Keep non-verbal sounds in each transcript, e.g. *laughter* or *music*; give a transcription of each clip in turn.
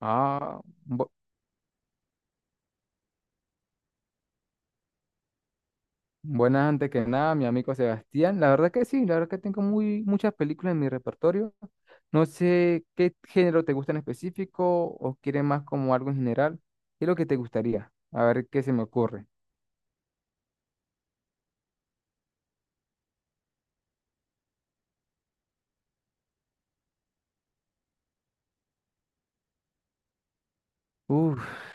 Ah, bu- buenas antes que nada, mi amigo Sebastián. La verdad que sí, la verdad que tengo muchas películas en mi repertorio. No sé qué género te gusta en específico o quieres más como algo en general. ¿Qué es lo que te gustaría? A ver qué se me ocurre. Uf,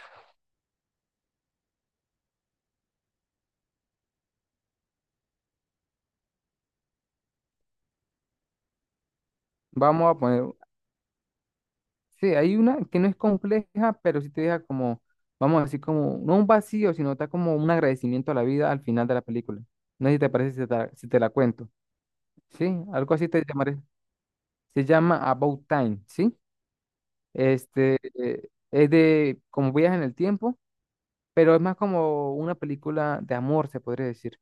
Vamos a poner. Sí, hay una que no es compleja, pero sí te deja como, vamos a decir, como, no un vacío, sino está como un agradecimiento a la vida al final de la película. No sé si te parece si si te la cuento. Sí, algo así te llamaré. Se llama About Time, ¿sí? Es de como viajes en el tiempo, pero es más como una película de amor, se podría decir,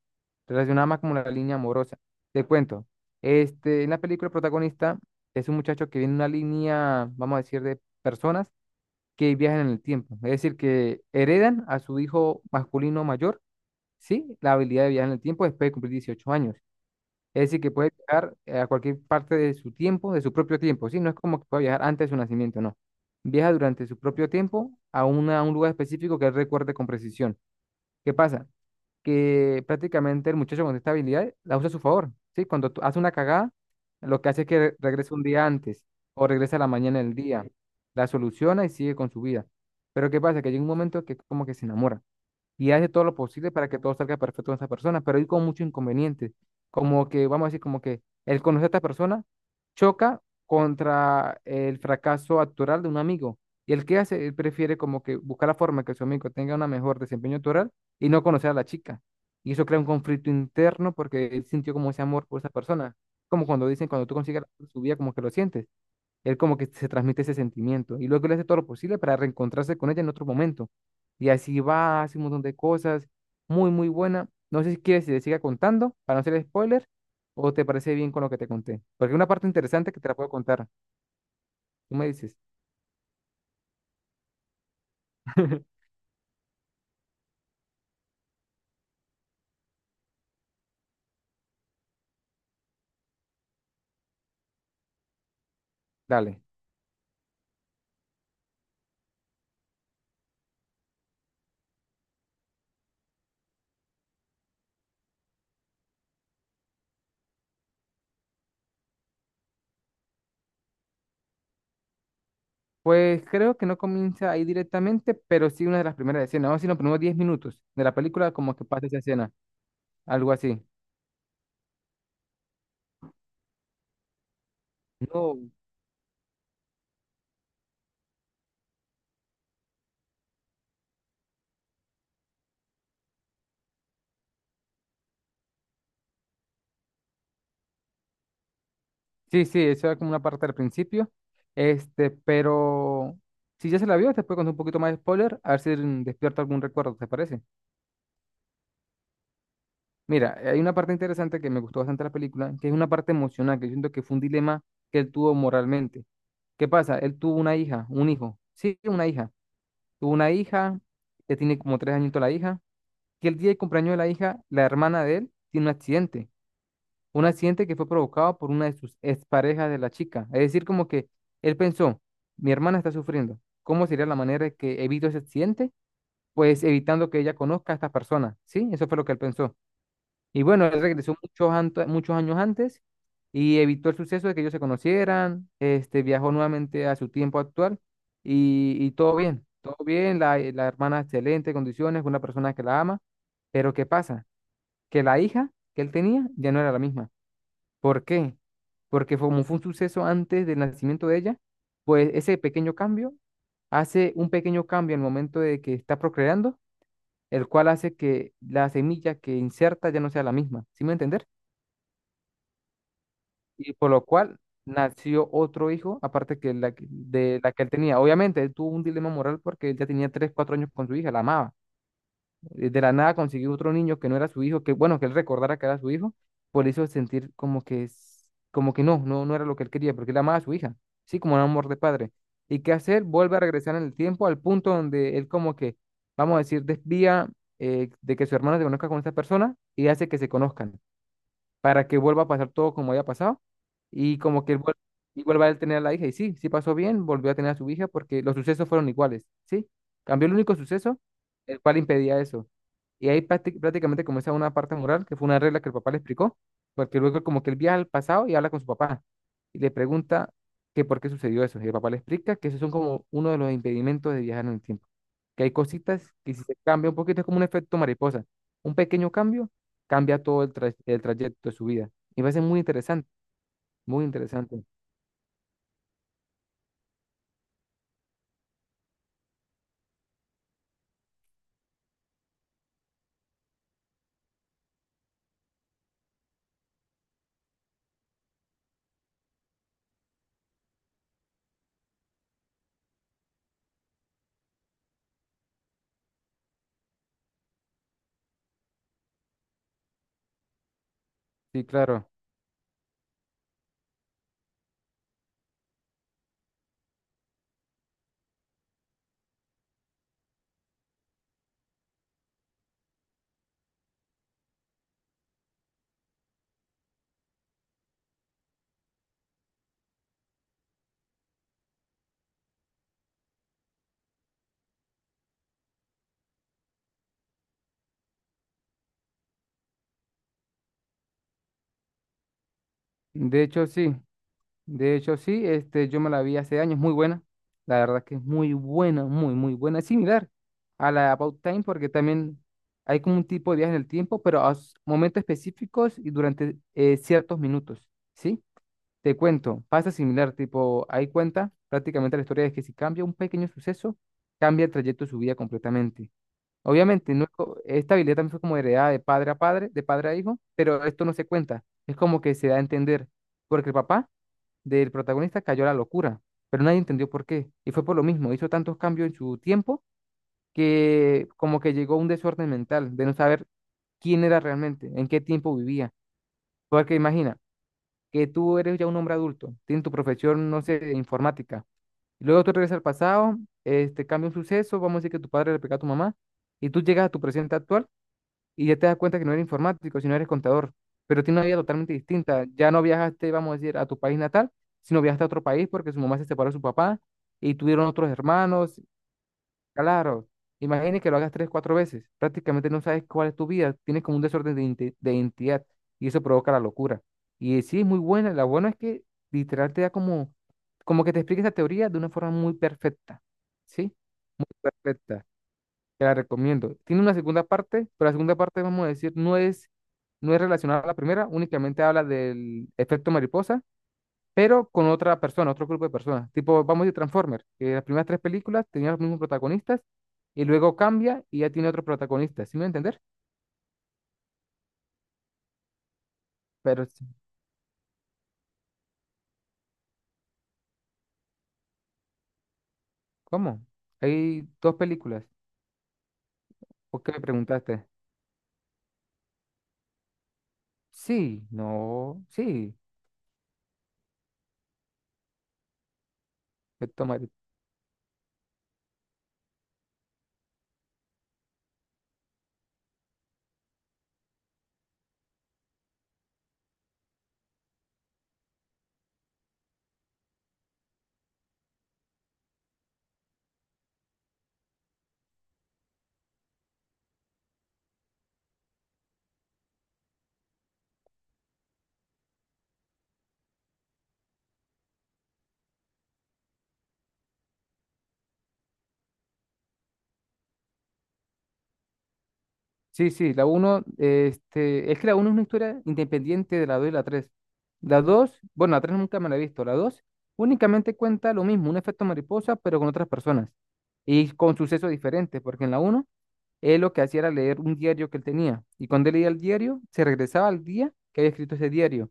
relacionada más como la línea amorosa. Te cuento, en la película el protagonista es un muchacho que viene de una línea, vamos a decir, de personas que viajan en el tiempo, es decir, que heredan a su hijo masculino mayor, ¿sí? La habilidad de viajar en el tiempo después de cumplir 18 años. Es decir, que puede viajar a cualquier parte de su tiempo, de su propio tiempo, ¿sí? No es como que pueda viajar antes de su nacimiento, no. Viaja durante su propio tiempo a, a un lugar específico que él recuerde con precisión. ¿Qué pasa? Que prácticamente el muchacho con esta habilidad la usa a su favor, ¿sí? Hace una cagada, lo que hace es que regresa un día antes o regresa a la mañana del día, la soluciona y sigue con su vida. Pero ¿qué pasa? Que llega un momento que como que se enamora y hace todo lo posible para que todo salga perfecto con esa persona, pero hay como muchos inconvenientes, como que, vamos a decir, como que el conocer a esta persona choca contra el fracaso actoral de un amigo. Y el que hace, él prefiere como que buscar la forma que su amigo tenga un mejor desempeño actoral y no conocer a la chica. Y eso crea un conflicto interno porque él sintió como ese amor por esa persona. Como cuando dicen, cuando tú consigues el amor de su vida, como que lo sientes. Él como que se transmite ese sentimiento y luego él hace todo lo posible para reencontrarse con ella en otro momento. Y así va, hace un montón de cosas, muy, muy buena. No sé si quieres que te siga contando para no hacer spoiler o te parece bien con lo que te conté. Porque hay una parte interesante que te la puedo contar. Tú me dices. *laughs* Dale. Pues creo que no comienza ahí directamente, pero sí una de las primeras escenas. Vamos a decir los primeros 10 minutos de la película, como que pasa esa escena, algo así. No. Sí, sí, eso era como una parte al principio. Pero si ya se la vio, te puedo contar un poquito más de spoiler, a ver si despierta algún recuerdo, ¿te parece? Mira, hay una parte interesante que me gustó bastante de la película, que es una parte emocional, que yo siento que fue un dilema que él tuvo moralmente. ¿Qué pasa? Él tuvo una hija, un hijo. Sí, una hija. Tuvo una hija, que tiene como tres añitos la hija, que el día del cumpleaños de la hija, la hermana de él, tiene un accidente. Un accidente que fue provocado por una de sus exparejas de la chica. Es decir, como que él pensó, mi hermana está sufriendo. ¿Cómo sería la manera de que evito ese accidente? Pues evitando que ella conozca a esta persona, ¿sí? Eso fue lo que él pensó. Y bueno, él regresó muchos años antes y evitó el suceso de que ellos se conocieran. Viajó nuevamente a su tiempo actual y todo bien, todo bien. La hermana excelente condiciones, una persona que la ama. Pero ¿qué pasa? Que la hija que él tenía ya no era la misma. ¿Por qué? Porque como fue un suceso antes del nacimiento de ella, pues ese pequeño cambio hace un pequeño cambio en el momento de que está procreando, el cual hace que la semilla que inserta ya no sea la misma, ¿sí me entender? Y por lo cual nació otro hijo, aparte que de la que él tenía. Obviamente, él tuvo un dilema moral porque él ya tenía 3, 4 años con su hija, la amaba. De la nada consiguió otro niño que no era su hijo, que bueno, que él recordara que era su hijo, por hizo sentir como que, como que no era lo que él quería, porque él amaba a su hija, sí, como un amor de padre. ¿Y qué hacer? Vuelve a regresar en el tiempo al punto donde él como que, vamos a decir, desvía de que su hermano se conozca con esta persona y hace que se conozcan para que vuelva a pasar todo como había pasado y como que y vuelva a él tener a la hija. Y sí, sí pasó bien, volvió a tener a su hija porque los sucesos fueron iguales, ¿sí? Cambió el único suceso, el cual impedía eso. Y ahí prácticamente comienza una parte moral, que fue una regla que el papá le explicó, porque luego como que él viaja al pasado y habla con su papá y le pregunta que por qué sucedió eso. Y el papá le explica que esos son como uno de los impedimentos de viajar en el tiempo que hay cositas que si se cambia un poquito es como un efecto mariposa. Un pequeño cambio cambia todo el trayecto de su vida. Y va a ser muy interesante, muy interesante. Sí, claro. De hecho, sí. De hecho, sí. Yo me la vi hace años, muy buena. La verdad que es muy buena, muy, muy buena. Es similar a la About Time porque también hay como un tipo de viaje en el tiempo, pero a momentos específicos y durante ciertos minutos, ¿sí? Te cuento, pasa similar, tipo, hay cuenta prácticamente la historia de que si cambia un pequeño suceso, cambia el trayecto de su vida completamente. Obviamente, no es co- esta habilidad también fue como heredada de padre a padre, de padre a hijo, pero esto no se cuenta. Es como que se da a entender, porque el papá del protagonista cayó a la locura, pero nadie entendió por qué. Y fue por lo mismo, hizo tantos cambios en su tiempo que como que llegó a un desorden mental de no saber quién era realmente, en qué tiempo vivía. Porque imagina que tú eres ya un hombre adulto, tienes tu profesión, no sé, de informática. Y luego tú regresas al pasado, cambia un suceso, vamos a decir que tu padre le pegó a tu mamá, y tú llegas a tu presente actual y ya te das cuenta que no eres informático, sino eres contador, pero tienes una vida totalmente distinta. Ya no viajaste, vamos a decir, a tu país natal, sino viajaste a otro país porque su mamá se separó de su papá y tuvieron otros hermanos. Claro, imagine que lo hagas tres, cuatro veces. Prácticamente no sabes cuál es tu vida. Tienes como un desorden de, de identidad y eso provoca la locura. Y sí, es muy buena. La buena es que literal te da como, como que te explica esa teoría de una forma muy perfecta. ¿Sí? Muy perfecta. Te la recomiendo. Tiene una segunda parte, pero la segunda parte, vamos a decir, no es relacionada a la primera. Únicamente habla del efecto mariposa pero con otra persona, otro grupo de personas. Tipo, vamos a decir Transformers, que las primeras tres películas tenían los mismos protagonistas y luego cambia y ya tiene otro protagonista, ¿sí me voy a entender? Pero, sí, ¿cómo? Hay dos películas. ¿Por qué me preguntaste? Sí, no, sí, me toma- Sí, sí, la uno, es que la uno es una historia independiente de la dos y la tres. La dos, bueno, la tres nunca me la he visto. La dos únicamente cuenta lo mismo, un efecto mariposa, pero con otras personas y con sucesos diferentes, porque en la uno él lo que hacía era leer un diario que él tenía. Y cuando él leía el diario, se regresaba al día que había escrito ese diario.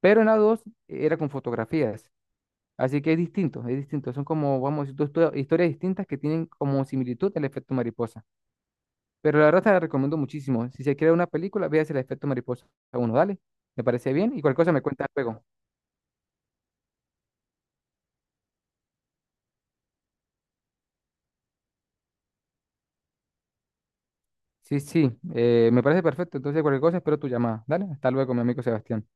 Pero en la 2 era con fotografías. Así que es distinto, es distinto. Son como, vamos, a decir, dos historias distintas que tienen como similitud el efecto mariposa. Pero la verdad te la recomiendo muchísimo. Si se crea una película, véase el efecto mariposa. A uno, dale. Me parece bien. Y cualquier cosa me cuenta luego. Sí, sí, me parece perfecto. Entonces, cualquier cosa espero tu llamada. Dale, hasta luego, mi amigo Sebastián.